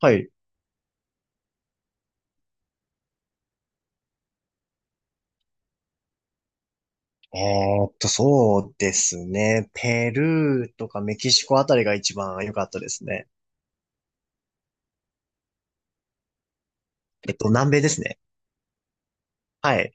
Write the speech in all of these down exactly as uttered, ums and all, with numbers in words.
はい。えーっと、そうですね。ペルーとかメキシコあたりが一番良かったですね。えっと、南米ですね。はい。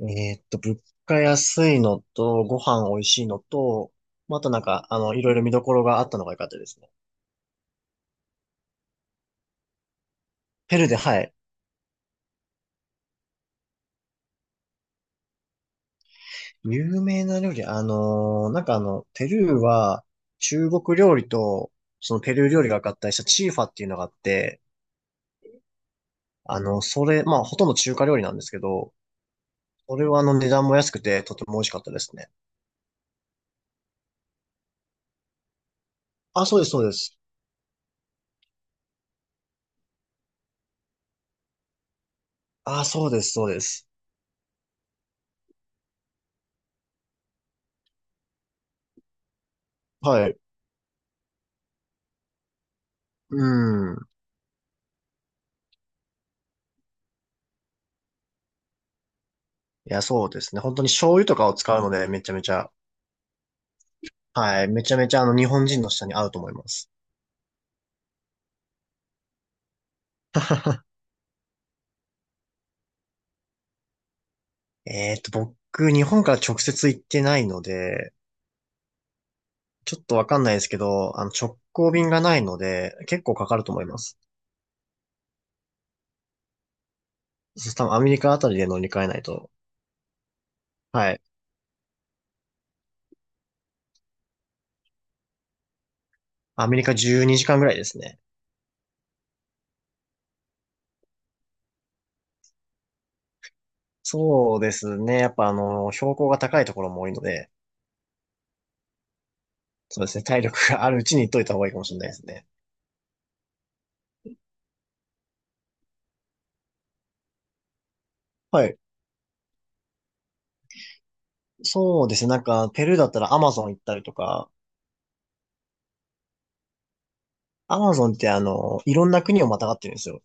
えーっと、物価安いのと、ご飯美味しいのと、まああとなんか、あの、いろいろ見どころがあったのが良かったですね。ペルーで、はい。有名な料理、あのーなんかあの、ペルーは、中国料理と、そのペルー料理が合体したチーファっていうのがあって、あの、それ、まあ、ほとんど中華料理なんですけど、それはあの、値段も安くて、とても美味しかったですね。あ、そうです、そうです。あ、そうです、そうです。はい。うん。いや、そうですね。本当に醤油とかを使うので、めちゃめちゃ、はい。めちゃめちゃ、あの、日本人の舌に合うと思います。えーっと、僕、日本から直接行ってないので、ちょっとわかんないですけど、あの、直行便がないので、結構かかると思います。そう多分アメリカあたりで乗り換えないと。はい。アメリカじゅうにじかんぐらいですね。そうですね。やっぱ、あの、標高が高いところも多いので、そうですね。体力があるうちに行っといた方がいいかもしれないですね。はい、そうですね。なんか、ペルーだったらアマゾン行ったりとか、アマゾンってあの、いろんな国をまたがってるんですよ。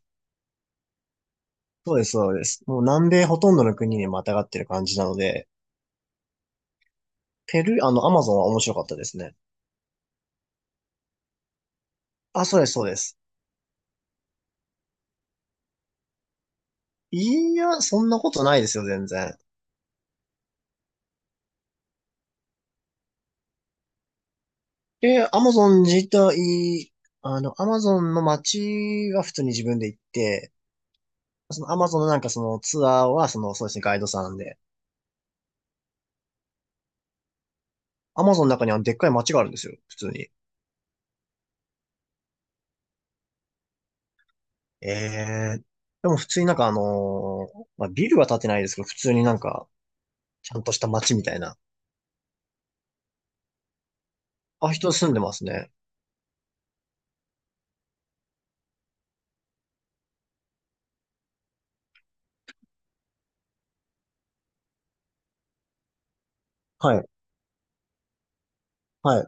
そうです、そうです。もう南米ほとんどの国にまたがってる感じなので、ペルー、あの、アマゾンは面白かったですね。あ、そうです、そうです。いや、そんなことないですよ、全然。で、アマゾン自体、あの、アマゾンの街は普通に自分で行って、そのアマゾンのなんかそのツアーは、その、そうですね、ガイドさんで。アマゾンの中にはでっかい街があるんですよ、普通に。ええでも普通になんかあのーまあ、ビルは建てないですけど、普通になんか、ちゃんとした街みたいな。あ、人住んでますね。はい、はい、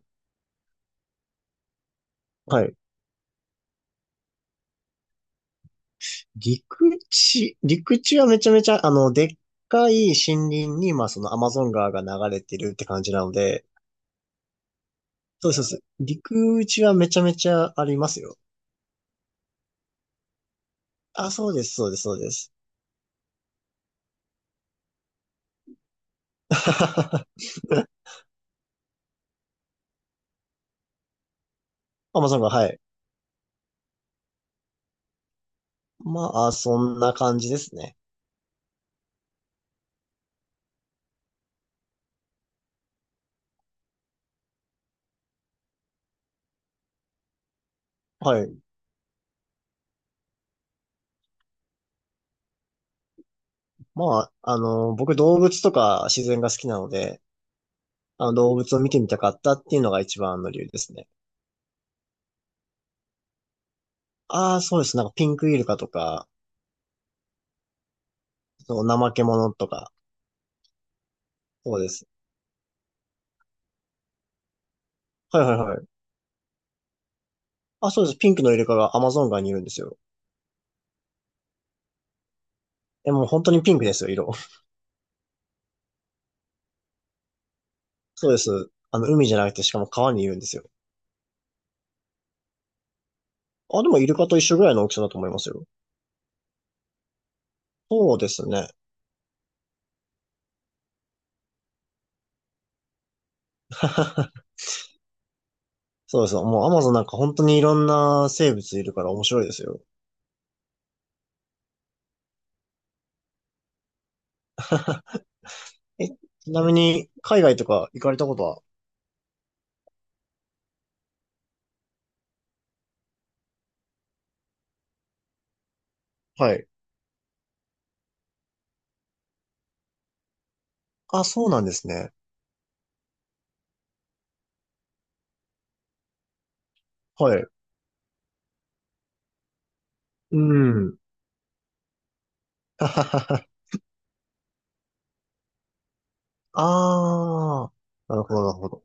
はい。陸地、陸地はめちゃめちゃ、あの、でっかい森林に、まあ、そのアマゾン川が流れてるって感じなので、そうです、そうです。陸地はめちゃめちゃありますよ。あ、そうです、そうです、そうです。アマゾン川、はい。まあ、そんな感じですね。はい。まあ、あの、僕動物とか自然が好きなので、あの動物を見てみたかったっていうのが一番の理由ですね。ああ、そうです。なんかピンクイルカとか、その怠け者とか、そうです。はいはいはい。あ、そうです。ピンクのイルカがアマゾン川にいるんですよ。え、もう本当にピンクですよ、色。そうです。あの、海じゃなくてしかも川にいるんですよ。あ、でもイルカと一緒ぐらいの大きさだと思いますよ。そうですね。そうです。もうアマゾンなんか本当にいろんな生物いるから面白いですよ。え、ちなみに海外とか行かれたことは？はい。あ、そうなんですね。はい。うん。はははは。ああ、なるほど、なるほど。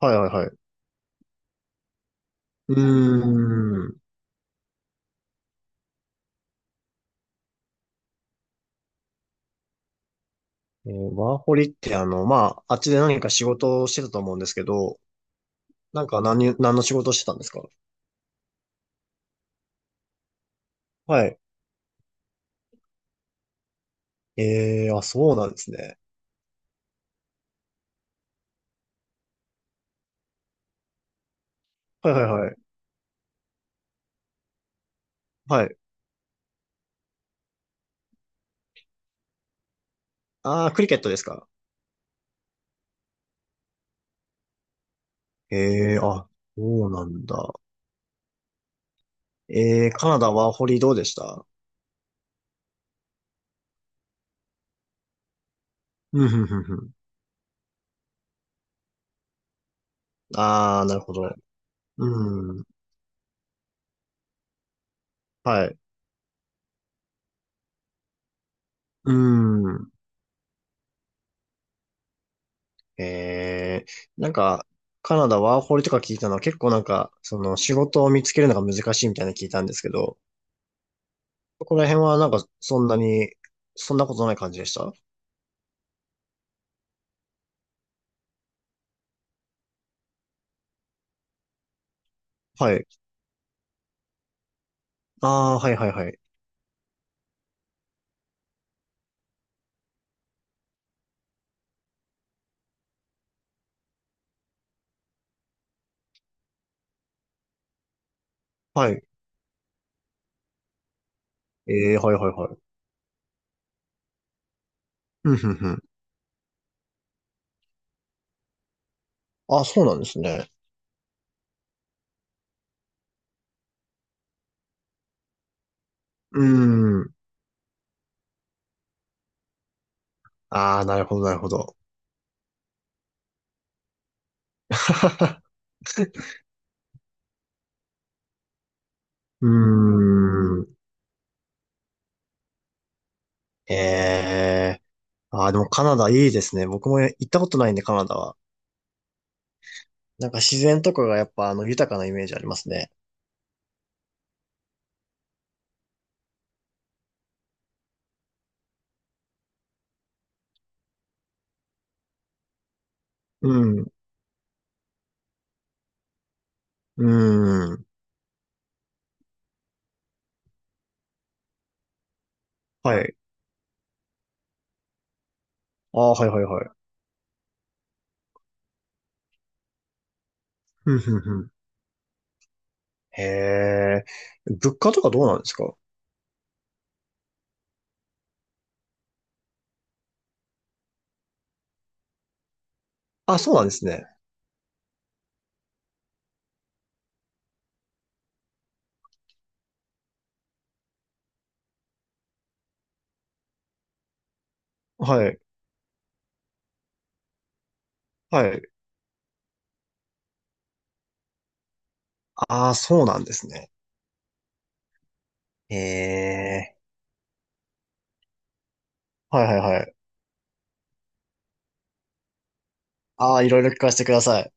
はいはいはい。うーん。えーワーホリってあの、まあ、あっちで何か仕事をしてたと思うんですけど、なんか何、何の仕事をしてたんですか？はい。ええ、あ、そうなんですね。はいはいはい。はい。あー、クリケットですか？えー、あ、そうなんだ。えー、カナダワーホリどうでした？うん、ふんふんふん。あー、なるほど。うん。はい。うん。えー、なんか、カナダワーホリとか聞いたのは結構なんか、その仕事を見つけるのが難しいみたいなの聞いたんですけど、ここら辺はなんかそんなに、そんなことない感じでした？はい。ああ、はいはいはい。はい。えー、はいはいはい。うん、ふんふん。あ、そうなんですね。うーん。ああ、なるほどなるほど。うーん。ええああでもカナダいいですね。僕も行ったことないんでカナダは。なんか自然とかがやっぱあの豊かなイメージありますね。うん。うーん。はい。ああ、はいはいはい。ふんふんふん。へえ。物価とかどうなんですか？あ、そうなんですね。はい。はい。ああ、そうなんですね。へえ。はいはいはい。ああ、いろいろ聞かせてください。